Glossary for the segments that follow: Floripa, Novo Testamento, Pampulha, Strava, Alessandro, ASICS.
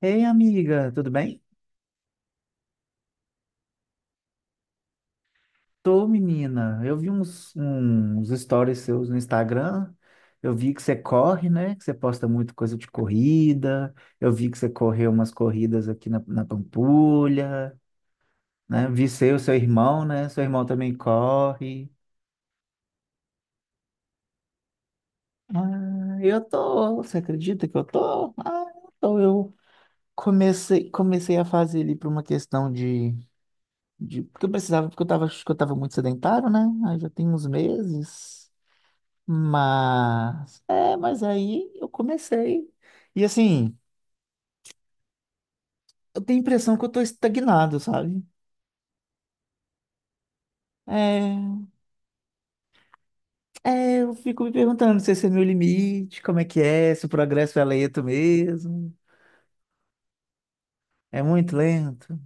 Ei, amiga, tudo bem? Tô, menina. Eu vi uns stories seus no Instagram. Eu vi que você corre, né? Que você posta muito coisa de corrida. Eu vi que você correu umas corridas aqui na Pampulha, né? Vi seu irmão, né? Seu irmão também corre. Ah, eu tô. Você acredita que eu tô? Ah, eu tô. Eu comecei a fazer ali por uma questão de. Porque eu precisava, porque eu tava, acho que eu tava muito sedentário, né? Aí já tem uns meses. Mas, é, mas aí eu comecei. E assim, eu tenho a impressão que eu tô estagnado, sabe? É, eu fico me perguntando se esse é meu limite, como é que é, se o progresso é lento mesmo. É muito lento.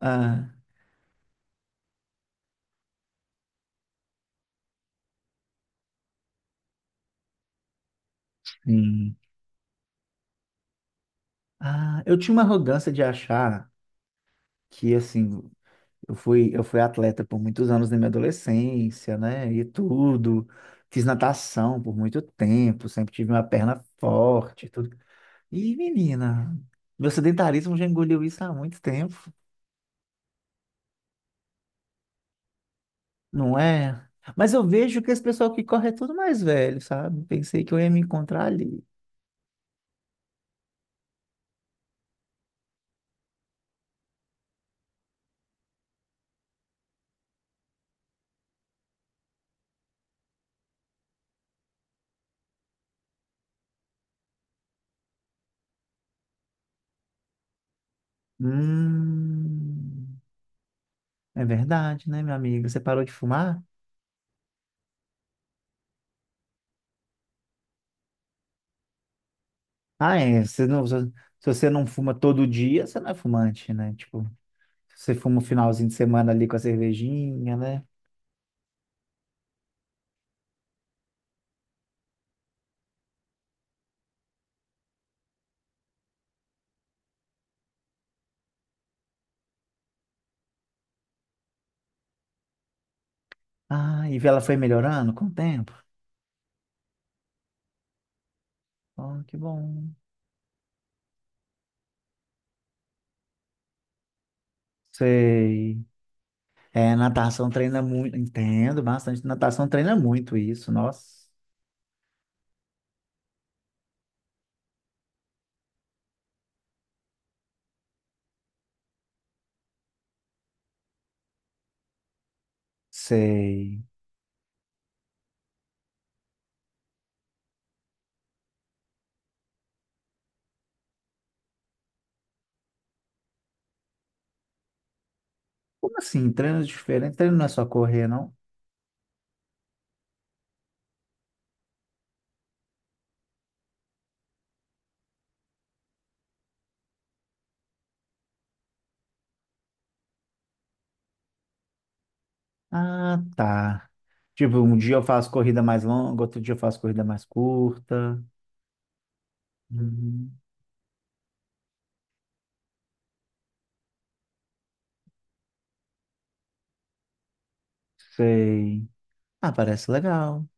Ah, sim. Ah, eu tinha uma arrogância de achar que, assim, eu fui atleta por muitos anos na minha adolescência, né? E tudo. Fiz natação por muito tempo, sempre tive uma perna forte, tudo. Ih, menina, meu sedentarismo já engoliu isso há muito tempo, não é? Mas eu vejo que esse pessoal que corre é tudo mais velho, sabe? Pensei que eu ia me encontrar ali. Hum, é verdade, né, meu amigo? Você parou de fumar? Ah, é. Você não, se você não fuma todo dia, você não é fumante, né? Tipo, você fuma o finalzinho de semana ali com a cervejinha, né? Ah, e ela foi melhorando com o tempo? Oh, que bom. Sei. É, natação treina muito, entendo bastante. Natação treina muito isso, nossa. Sei. Como assim? Treinos diferentes? Treino não é só correr, não? Ah, tá. Tipo, um dia eu faço corrida mais longa, outro dia eu faço corrida mais curta. Uhum. Sei. Ah, parece legal.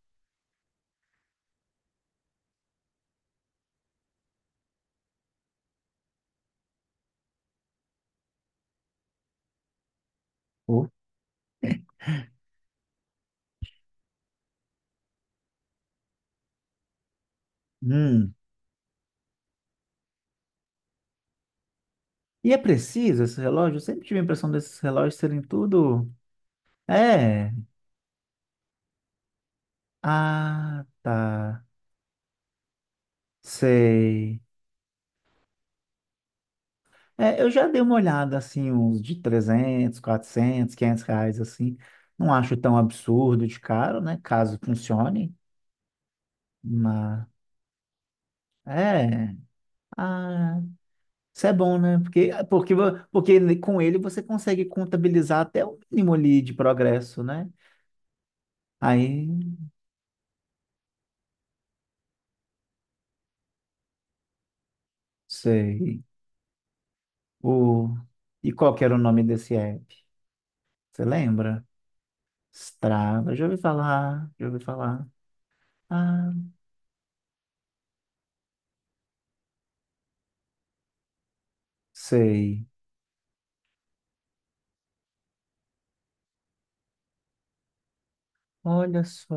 Oh. Hum. E é preciso esse relógio? Eu sempre tive a impressão desses relógios serem tudo. É. Ah, tá. Sei. É, eu já dei uma olhada, assim, uns de 300, 400, 500 reais, assim. Não acho tão absurdo de caro, né? Caso funcione, mas... É... Ah, isso é bom, né? Porque, ah, porque, porque com ele você consegue contabilizar até o mínimo ali de progresso, né? Aí, sei. O... E qual que era o nome desse app? Você lembra? Strava, já ouvi falar. Ah, sei. Olha só.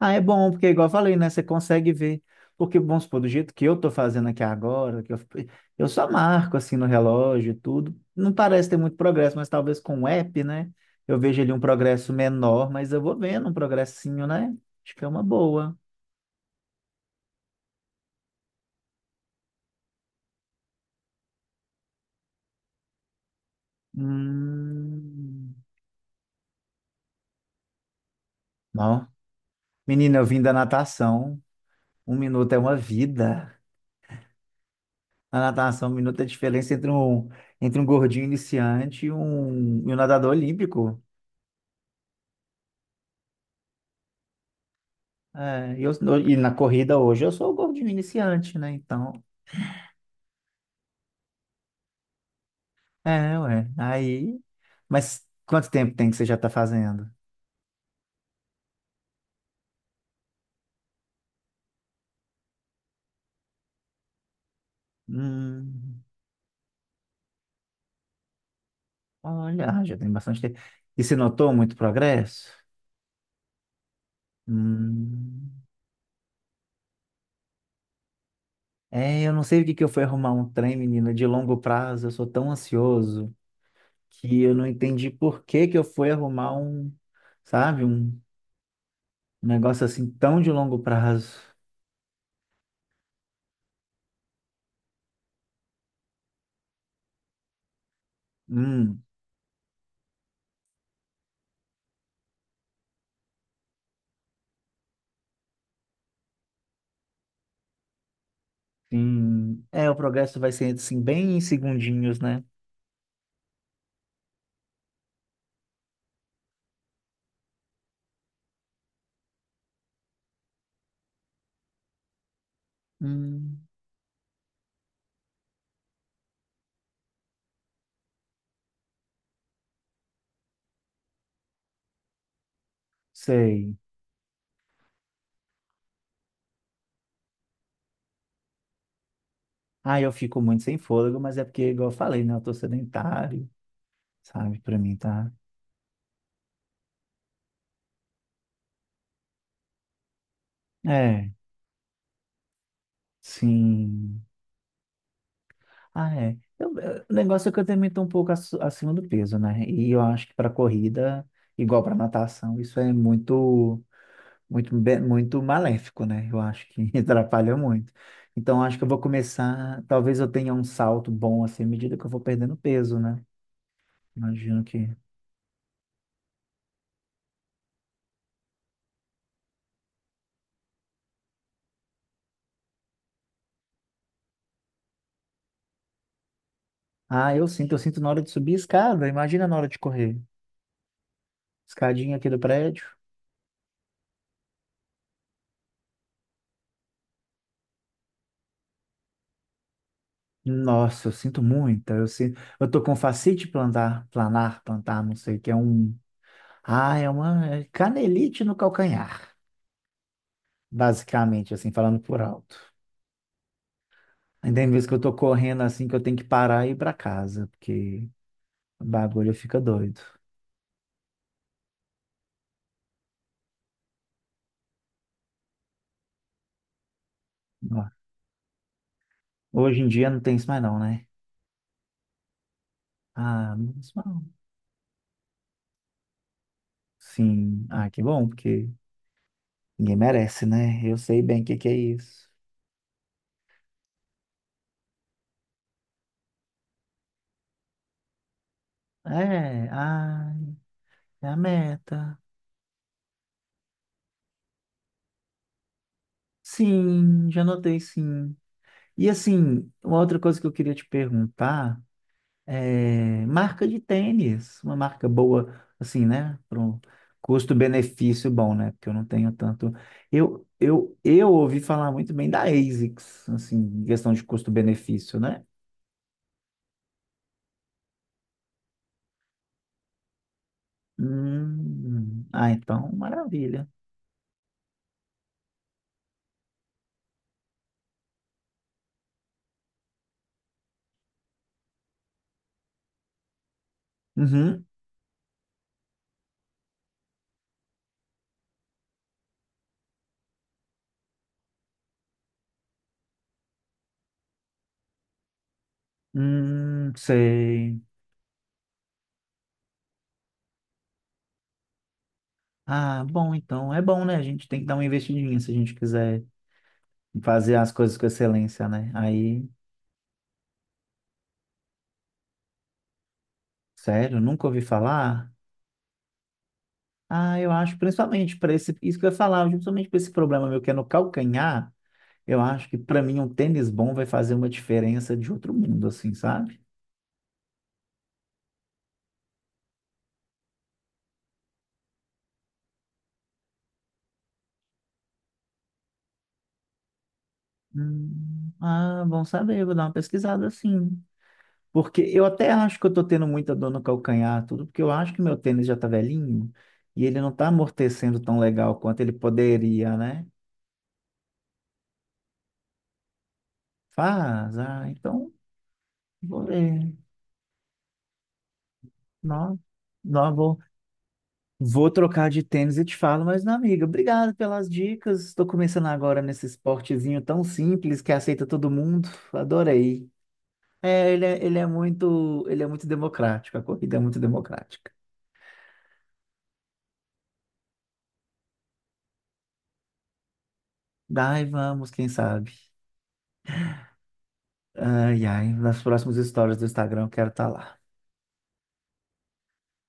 Ah, é bom, porque igual eu falei, né? Você consegue ver. Porque, vamos supor, do jeito que eu tô fazendo aqui agora, eu só marco assim no relógio e tudo. Não parece ter muito progresso, mas talvez com o app, né? Eu vejo ali um progresso menor, mas eu vou vendo um progressinho, né? Acho que é uma boa. Hum... Não. Menina, eu vim da natação. Um minuto é uma vida. Na natação, um minuto é a diferença entre um gordinho iniciante e um nadador olímpico. É, e eu, e na corrida hoje eu sou o gordinho iniciante, né? Então, é, ué. Aí, mas quanto tempo tem que você já está fazendo? Hum, olha, ah, já tem bastante tempo. E você notou muito progresso? Hum, é, eu não sei o que que eu fui arrumar um trem, menina, de longo prazo. Eu sou tão ansioso que eu não entendi por que que eu fui arrumar um, sabe, um negócio assim tão de longo prazo. Hum, sim. É, o progresso vai ser assim bem em segundinhos, né? Hum, sei. Ah, eu fico muito sem fôlego, mas é porque, igual eu falei, né? Eu tô sedentário, sabe? Pra mim tá. É, sim. Ah, é. O negócio é que eu também tô um pouco acima do peso, né? E eu acho que pra corrida, igual pra natação, isso é muito, muito maléfico, né? Eu acho que atrapalha muito. Então, eu acho que eu vou começar. Talvez eu tenha um salto bom assim, à medida que eu vou perdendo peso, né? Imagino que ah, eu sinto na hora de subir a escada, imagina na hora de correr. Escadinha aqui do prédio. Nossa, eu sinto muita, eu sinto, eu tô com fascite plantar, não sei, que é um, ah, é uma é canelite no calcanhar, basicamente, assim, falando por alto. Ainda tem vezes que eu tô correndo assim, que eu tenho que parar e ir pra casa, porque o bagulho fica doido. Ó, hoje em dia não tem isso mais não, né? Ah, mas não. Sim, ah, que bom, porque ninguém merece, né? Eu sei bem o que que é isso. É, ai, é a meta. Sim, já notei, sim. E assim, uma outra coisa que eu queria te perguntar é marca de tênis, uma marca boa, assim, né? Para um custo-benefício bom, né? Porque eu não tenho tanto. Eu ouvi falar muito bem da ASICS, assim, em questão de custo-benefício, né? Ah, então, maravilha. Uhum, sei. Ah, bom, então é bom, né? A gente tem que dar uma investidinha se a gente quiser fazer as coisas com excelência, né? Aí, sério, nunca ouvi falar? Ah, eu acho, principalmente para esse, isso que eu ia falar, justamente para esse problema meu que é no calcanhar, eu acho que para mim um tênis bom vai fazer uma diferença de outro mundo, assim, sabe? Ah, bom saber, vou dar uma pesquisada assim. Porque eu até acho que eu tô tendo muita dor no calcanhar, tudo, porque eu acho que meu tênis já tá velhinho e ele não tá amortecendo tão legal quanto ele poderia, né? Faz, ah, então vou ler. Não, não, vou trocar de tênis e te falo, mas não, amiga, obrigado pelas dicas. Estou começando agora nesse esportezinho tão simples que aceita todo mundo. Adorei. É, ele é muito democrático, a corrida é muito democrática. Daí vamos, quem sabe. Nas próximas histórias do Instagram eu quero estar lá,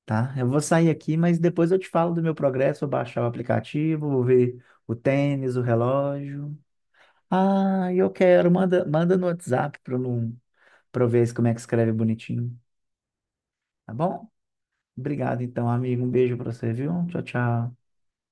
tá? Eu vou sair aqui, mas depois eu te falo do meu progresso, vou baixar o aplicativo, vou ver o tênis, o relógio. Ah, eu quero. Manda no WhatsApp para eu, pra eu ver como é que escreve bonitinho. Tá bom? Obrigado, então, amigo. Um beijo para você, viu? Tchau, tchau.